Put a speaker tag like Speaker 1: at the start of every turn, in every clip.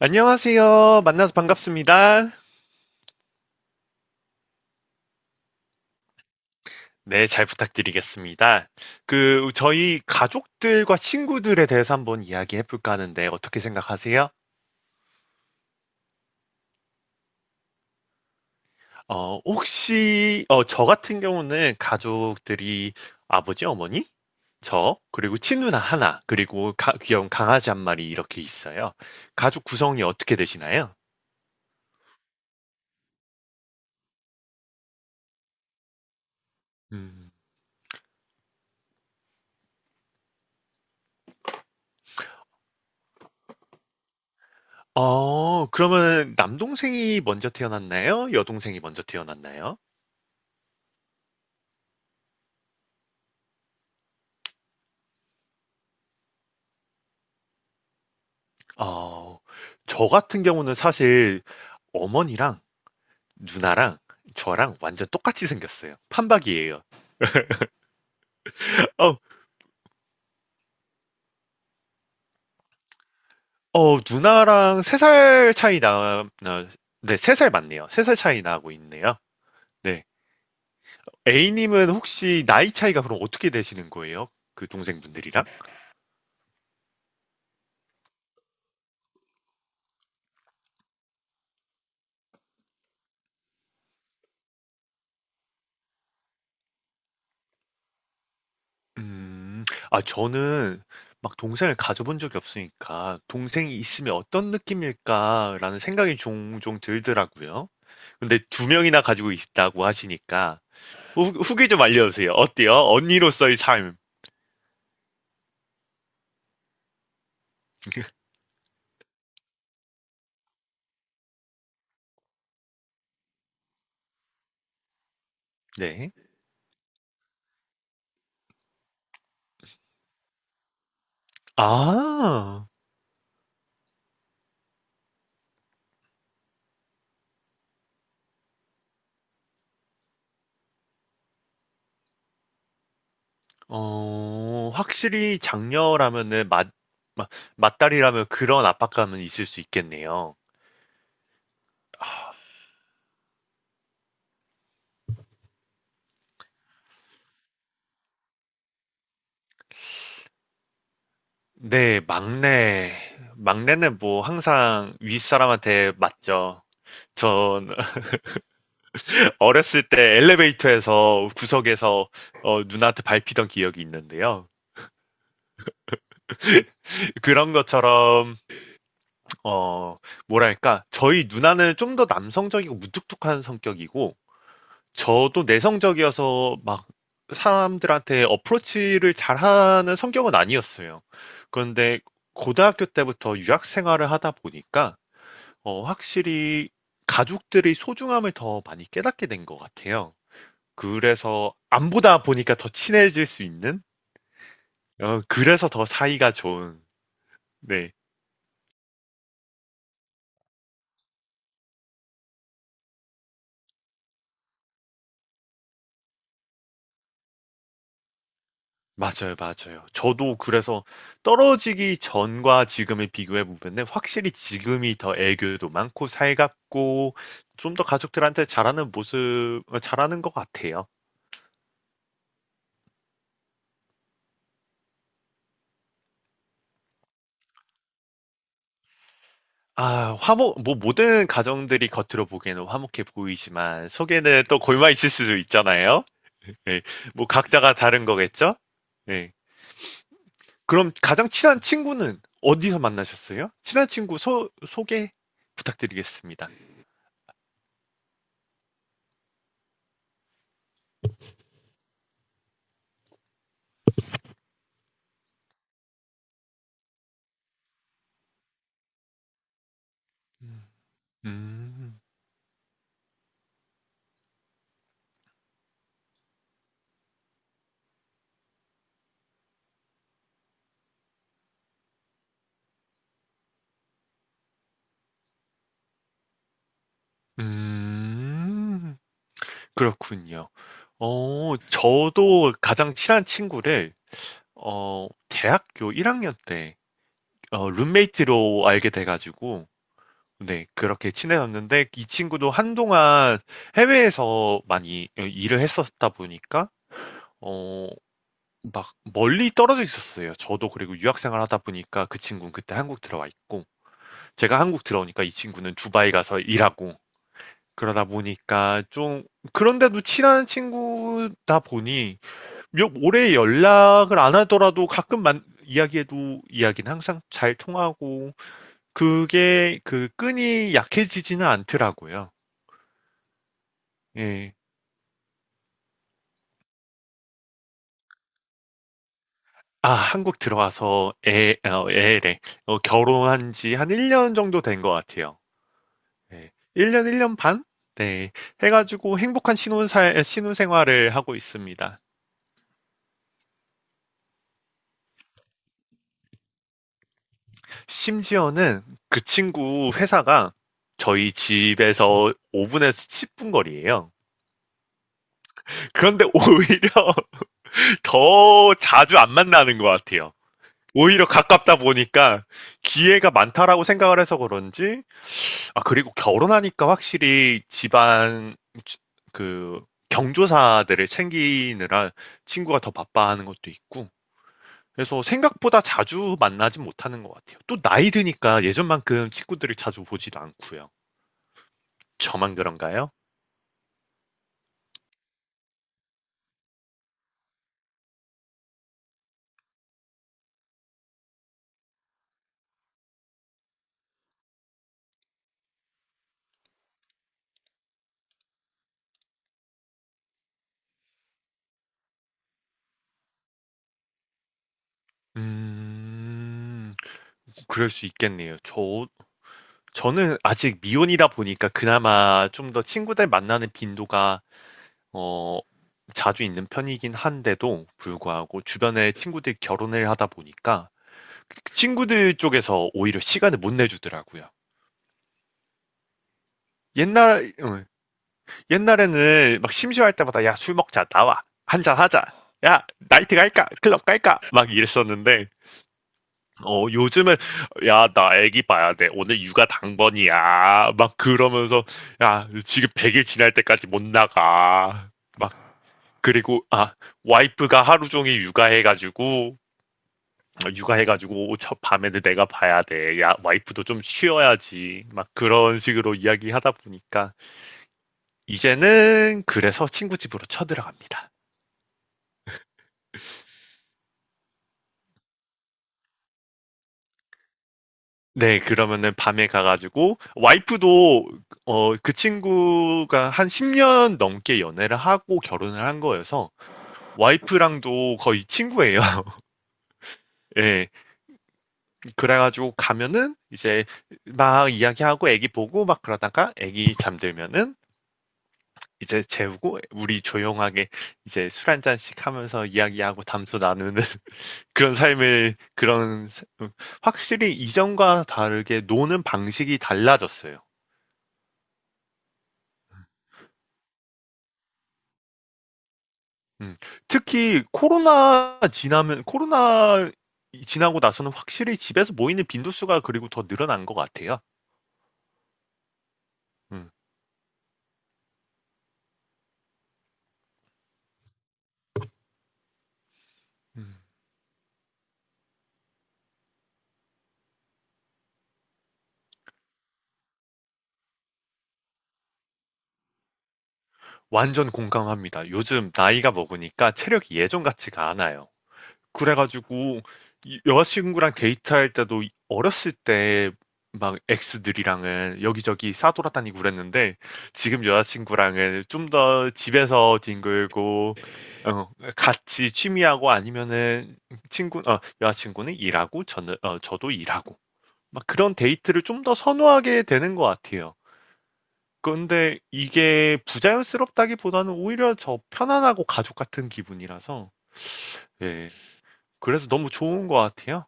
Speaker 1: 안녕하세요. 만나서 반갑습니다. 네, 잘 부탁드리겠습니다. 그, 저희 가족들과 친구들에 대해서 한번 이야기해 볼까 하는데 어떻게 생각하세요? 혹시, 저 같은 경우는 가족들이 아버지, 어머니, 저, 그리고 친누나 하나, 그리고 귀여운 강아지 한 마리 이렇게 있어요. 가족 구성이 어떻게 되시나요? 음. 그러면 남동생이 먼저 태어났나요? 여동생이 먼저 태어났나요? 어, 저 같은 경우는 사실 어머니랑 누나랑 저랑 완전 똑같이 생겼어요. 판박이에요. 어, 누나랑 세 살 차이 나, 네, 세 살 맞네요. 세 살 차이 나고 있네요. 네. A님은 혹시 나이 차이가 그럼 어떻게 되시는 거예요? 그 동생분들이랑? 음. 아 저는 막 동생을 가져 본 적이 없으니까 '동생이 있으면 어떤 느낌일까.'라는 생각이 종종 들더라고요. 근데 두 명이나 가지고 있다고 하시니까 후 후기 좀 알려주세요. 어때요? 언니로서의 삶. 네. 아. 확실히 장녀라면은 맞맏딸이라면 그런 압박감은 있을 수 있겠네요. 네. 막내는 뭐 항상 윗사람한테 맞죠. 전 어렸을 때 엘리베이터에서 구석에서 누나한테 밟히던 기억이 있는데요. 그런 것처럼 어, 뭐랄까 저희 누나는 좀 더 남성적이고 무뚝뚝한 성격이고 저도 내성적이어서 막 사람들한테 어프로치를 잘하는 성격은 아니었어요. 그런데 고등학교 때부터 유학 생활을 하다 보니까 확실히 가족들의 소중함을 더 많이 깨닫게 된 것 같아요. 그래서 안 보다 보니까 더 친해질 수 있는? 그래서 더 사이가 좋은. 네. 맞아요, 맞아요. 저도 그래서 떨어지기 전과 지금을 비교해 보면은 확실히 지금이 더 애교도 많고 살갑고 좀 더 가족들한테 잘하는 모습, 잘하는 것 같아요. 아, 뭐 모든 가정들이 겉으로 보기에는 화목해 보이지만 속에는 또 골마 있을 수도 있잖아요. 네. 뭐 각자가 다른 거겠죠? 네. 그럼 가장 친한 친구는 어디서 만나셨어요? 친한 친구 소개 부탁드리겠습니다. 음, 음, 그렇군요. 저도 가장 친한 친구를, 대학교 1학년 때, 룸메이트로 알게 돼가지고, 네, 그렇게 친해졌는데, 이 친구도 한동안 해외에서 많이 일을 했었다 보니까, 어, 막 멀리 떨어져 있었어요. 저도 그리고 유학 생활하다 보니까 그 친구는 그때 한국 들어와 있고 제가 한국 들어오니까 이 친구는 두바이 가서 일하고 그러다 보니까 좀 그런데도 친한 친구다 보니 몇 오래 연락을 안 하더라도 가끔 만 이야기해도 이야기는 항상 잘 통하고 그게 그 끈이 약해지지는 않더라고요. 예. 아, 한국 들어와서 애래. 결혼한 지 한 1년 정도 된 것 같아요. 네. 1년, 1년 반? 네. 해가지고 행복한 신혼생활을 하고 있습니다. 심지어는 그 친구 회사가 저희 집에서 5분에서 10분 거리예요. 그런데 오히려 더 자주 안 만나는 것 같아요. 오히려 가깝다 보니까 기회가 많다라고 생각을 해서 그런지, 아, 그리고 결혼하니까 확실히 집안, 그, 경조사들을 챙기느라 친구가 더 바빠하는 것도 있고, 그래서 생각보다 자주 만나진 못하는 것 같아요. 또 나이 드니까 예전만큼 친구들을 자주 보지도 않고요. 저만 그런가요? 음, 그럴 수 있겠네요. 저는 아직 미혼이다 보니까 그나마 좀 더 친구들 만나는 빈도가, 어, 자주 있는 편이긴 한데도 불구하고 주변에 친구들 결혼을 하다 보니까 친구들 쪽에서 오히려 시간을 못 내주더라고요. 옛날, 어, 옛날에는 막 심심할 때마다 야 술 먹자 나와 한잔 하자 야 나이트 갈까 클럽 갈까 막 이랬었는데 요즘은 야 나 애기 봐야 돼 오늘 육아 당번이야 막 그러면서 야 지금 100일 지날 때까지 못 나가 막 그리고 아 와이프가 하루 종일 육아해가지고 저 밤에는 내가 봐야 돼. 야 와이프도 좀 쉬어야지. 막 그런 식으로 이야기하다 보니까 이제는 그래서 친구 집으로 쳐들어갑니다. 네, 그러면은 밤에 가가지고, 와이프도, 그 친구가 한 10년 넘게 연애를 하고 결혼을 한 거여서, 와이프랑도 거의 친구예요. 예. 그래가지고 가면은, 이제 막 이야기하고 애기 보고 막 그러다가 애기 잠들면은, 이제 재우고, 우리 조용하게 이제 술 한잔씩 하면서 이야기하고 담소 나누는 그런 삶을, 확실히 이전과 다르게 노는 방식이 달라졌어요. 음. 특히 코로나 이 지나고 나서는 확실히 집에서 모이는 빈도수가 그리고 더 늘어난 것 같아요. 음. 음. 완전 공감합니다. 요즘 나이가 먹으니까 체력이 예전 같지가 않아요. 그래가지고 여자친구랑 데이트할 때도 어렸을 때 막 엑스들이랑은 여기저기 싸돌아다니고 그랬는데 지금 여자친구랑은 좀 더 집에서 뒹굴고 어, 같이 취미하고 아니면은 여자친구는 일하고 저도 일하고 막 그런 데이트를 좀 더 선호하게 되는 것 같아요. 그런데 이게 부자연스럽다기보다는 오히려 저 편안하고 가족 같은 기분이라서 예 그래서 너무 좋은 것 같아요.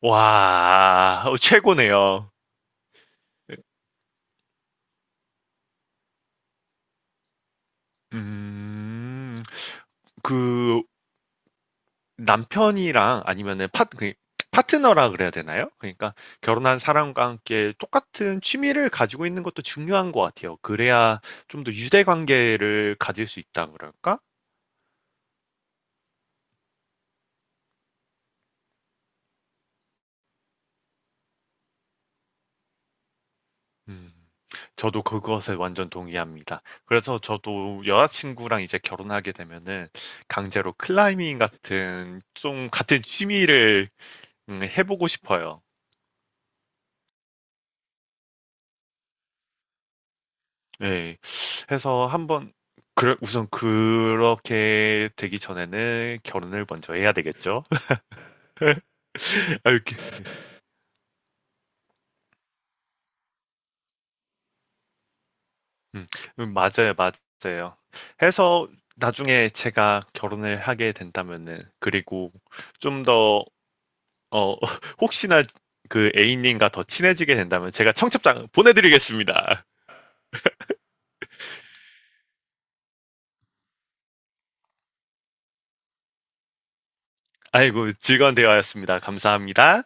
Speaker 1: 와, 최고네요. 음, 그 남편이랑 아니면은 파트너라 그래야 되나요? 그러니까 결혼한 사람과 함께 똑같은 취미를 가지고 있는 것도 중요한 것 같아요. 그래야 좀 더 유대 관계를 가질 수 있다 그럴까? 음, 저도 그것에 완전 동의합니다. 그래서 저도 여자친구랑 이제 결혼하게 되면은 강제로 클라이밍 같은 좀 같은 취미를 해보고 싶어요. 예. 해서 한번 그 우선 그렇게 되기 전에는 결혼을 먼저 해야 되겠죠. 아, 이렇게. 음, 맞아요, 맞아요. 해서 나중에 제가 결혼을 하게 된다면은 그리고 좀 더 어, 혹시나 그 A님과 더 친해지게 된다면 제가 청첩장 보내드리겠습니다. 아이고, 즐거운 대화였습니다. 감사합니다.